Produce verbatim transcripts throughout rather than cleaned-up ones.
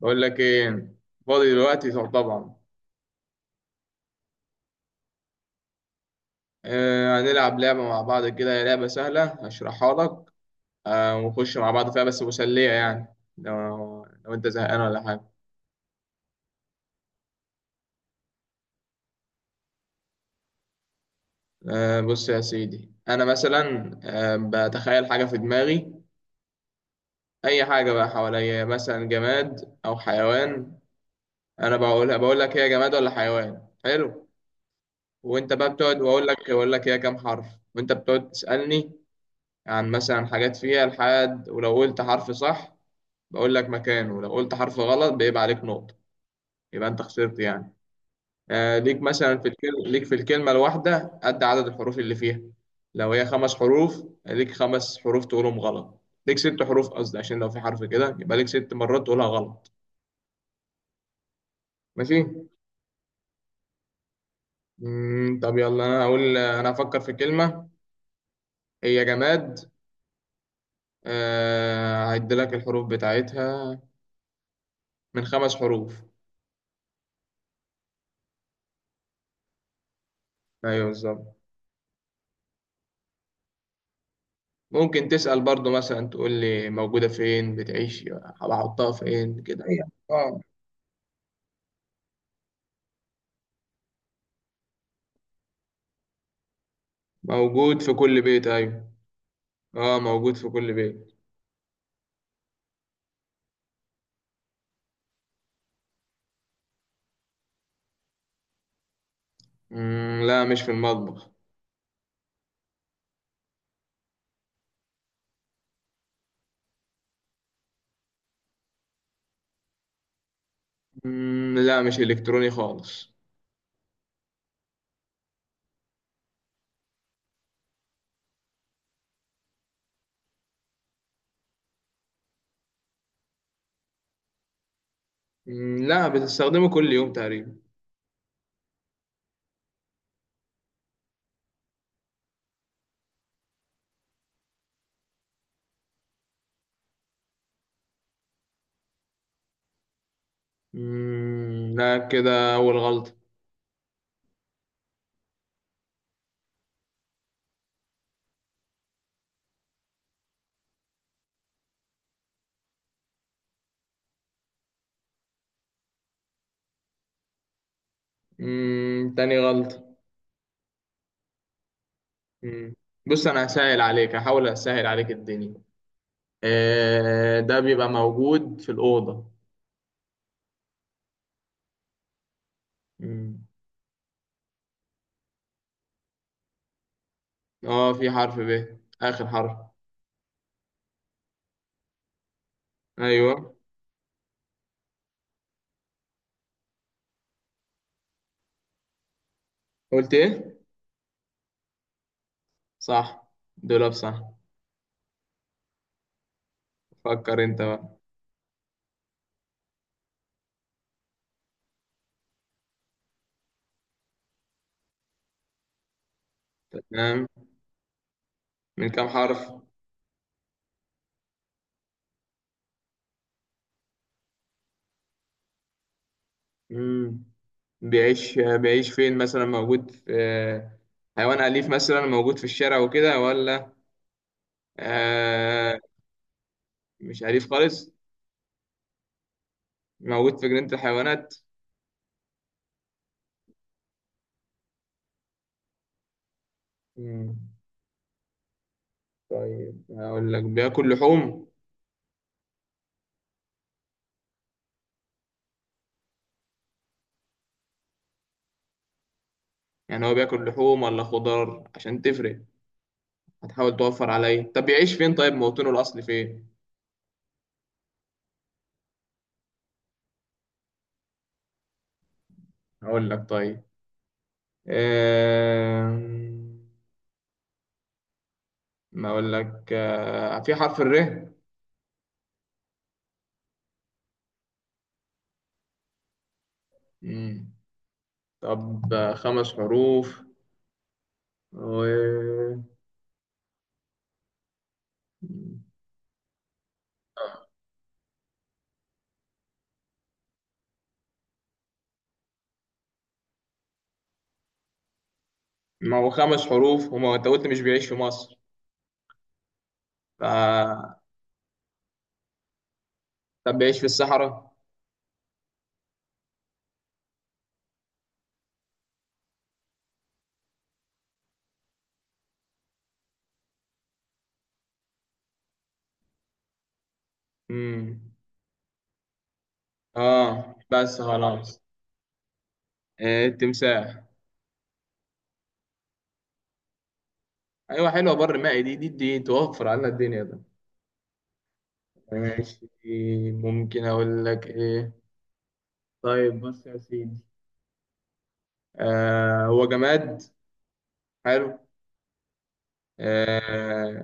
بقول لك ايه؟ فاضي دلوقتي طبعا. آه، هنلعب لعبة مع بعض كده، هي لعبة سهلة هشرحها لك. آه، ونخش مع بعض فيها، بس مسلية يعني. لو لو انت زهقان ولا حاجة. آه، بص يا سيدي، انا مثلا آه بتخيل حاجة في دماغي، اي حاجة بقى حواليا، مثلا جماد او حيوان. انا بقولها، بقول لك هي جماد ولا حيوان، حلو. وانت بقى بتقعد، واقول لك واقول لك هي كام حرف. وانت بتقعد تسألني عن مثلا حاجات فيها، لحد ولو قلت حرف صح بقول لك مكانه، لو قلت حرف غلط بيبقى عليك نقطة، يبقى انت خسرت يعني. آه، ليك مثلا في الكلمة، ليك في الكلمة الواحدة قد عدد الحروف اللي فيها. لو هي خمس حروف ليك خمس حروف تقولهم غلط. ليك ست حروف قصدي، عشان لو في حرف كده يبقى ليك ست مرات تقولها غلط. ماشي. مم، طب يلا، انا هقول، انا هفكر في كلمة، هي جماد. آه، هعد لك الحروف بتاعتها. من خمس حروف. ايوه بالظبط. ممكن تسأل برضو، مثلا تقول لي موجودة فين، بتعيش بحطها فين كده. ايوه، اه موجود في كل بيت، أيوة. اه موجود في كل بيت. مم، لا مش في المطبخ. مم، لا مش إلكتروني خالص. مم، لا بتستخدمه كل يوم تقريبا. مم، لا كده أول غلطة. مم، تاني غلطة. مم. بص أنا هسهل عليك، هحاول أسهل عليك الدنيا. آه، ده بيبقى موجود في الأوضة. مم. اه في حرف ب، آخر حرف. ايوه. قلت ايه؟ صح. دولاب صح. فكر انت بقى. تمام. من كام حرف؟ مم. بيعيش بيعيش فين مثلا، موجود في آه، حيوان أليف مثلا موجود في الشارع وكده ولا آه مش أليف خالص. موجود في جنينة الحيوانات. مم. طيب هقول لك بياكل لحوم. يعني هو بياكل لحوم ولا خضار، عشان تفرق، هتحاول توفر عليا. طب بيعيش فين، طيب موطنه الأصلي فين؟ هقول لك طيب. آه، ما اقول لك، آه، في حرف الر. مم. طب، آه، خمس حروف و... ما هو خمس حروف، وما هو انت قلت مش بيعيش في مصر. ف... طب بيعيش في الصحراء. مم. اه بس خلاص. آه، التمساح. ايوه حلوه، بر مائي، دي دي دي توفر علينا الدنيا ده. ماشي. ممكن اقول لك ايه؟ طيب بص يا سيدي، آه، هو جماد، حلو. آه،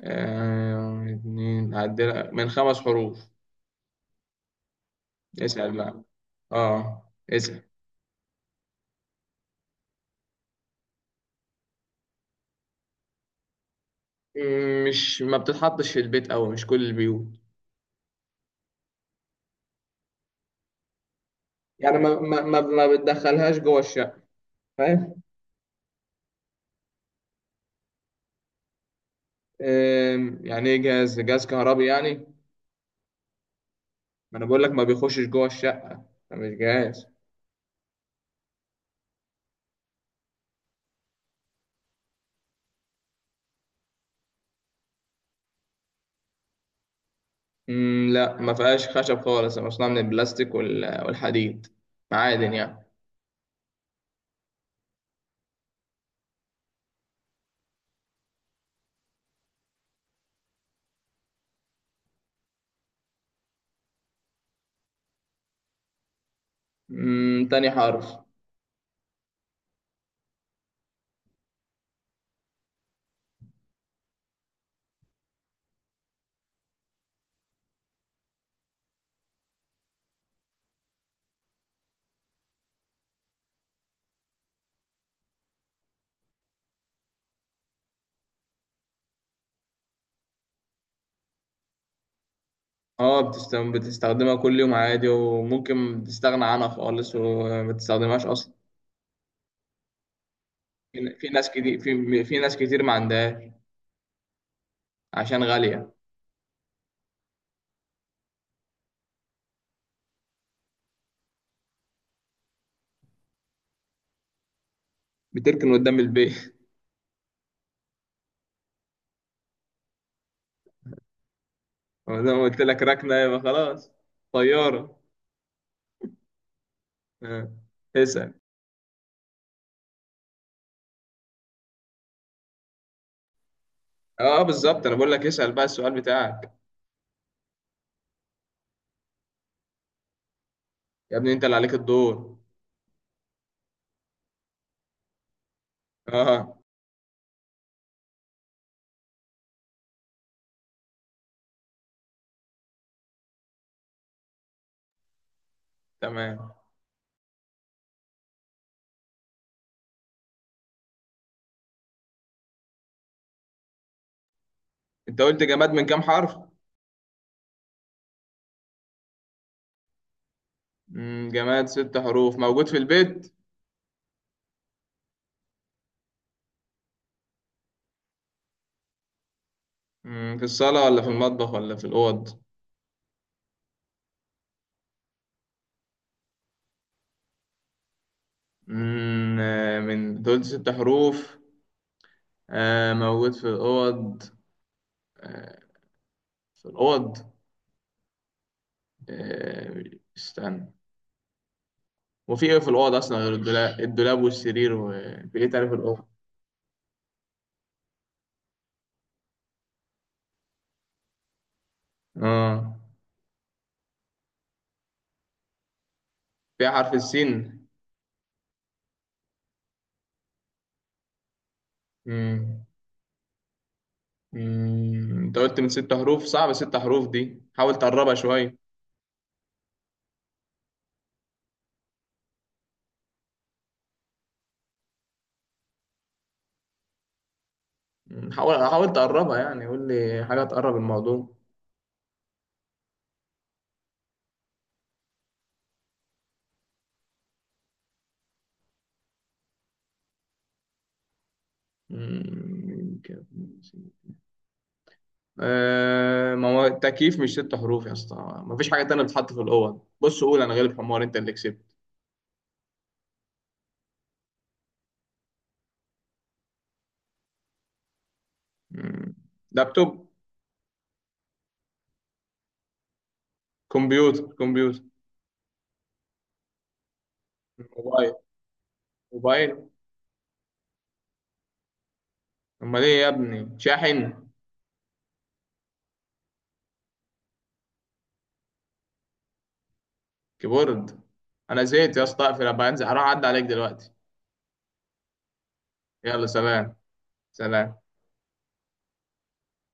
آه، اتنين عدل من خمس حروف. اسأل بقى. اه اسأل. مم، مش ما بتتحطش في البيت أوي، مش كل البيوت. يعني ما ما ما, ما بتدخلهاش جوه الشقة، فاهم. آم، يعني ايه جهاز، جهاز كهربي يعني. ما انا بقول لك ما بيخشش جوه الشقة، ده مش جهاز. مم، لا ما فيهاش خشب خالص، مصنوع من البلاستيك وال- والحديد، معادن يعني. مم، تاني حرف. اه بتستخدم بتستخدمها كل يوم عادي، وممكن تستغنى عنها خالص وما تستخدمهاش اصلا. في في ناس كتير في في ناس كتير ما عندهاش، عشان غالية. بتركن قدام البيت زي ما قلت لك، ركنة يبقى خلاص. طيارة. آه. اسأل. اه بالظبط، انا بقول لك اسأل بقى السؤال بتاعك. يا ابني انت اللي عليك الدور. اه. تمام. انت قلت جماد من كام حرف؟ مم، جماد ست حروف موجود في البيت؟ مم، في الصالة ولا في المطبخ ولا في الأوض؟ مم، آه، من دول ست حروف، آه، موجود في الأوض. آه، في الأوض. آه، استنى. وفي إيه في الأوض أصلا غير الدولاب، الدولاب والسرير، وفي إيه تاني في الأوض؟ آه. فيها حرف السين؟ مم. مم، أنت قلت من ست حروف، صعب. ست حروف دي حاول تقربها شوية. مم، حاول حاول تقربها، يعني قول لي حاجة تقرب الموضوع. مم، آه، ما هو التكييف مش ست حروف يا اسطى. ما فيش حاجة تانية بتتحط في الأوض، بص قول أنا غالب حمار، أنت اللي كسبت. مم. لابتوب. كمبيوتر كمبيوتر. موبايل موبايل. أمال إيه يا ابني، شاحن، كيبورد. أنا زهقت يا اسطى، أقفل أبقى أنزل، هروح أعدي عليك دلوقتي. يلا سلام. سلام.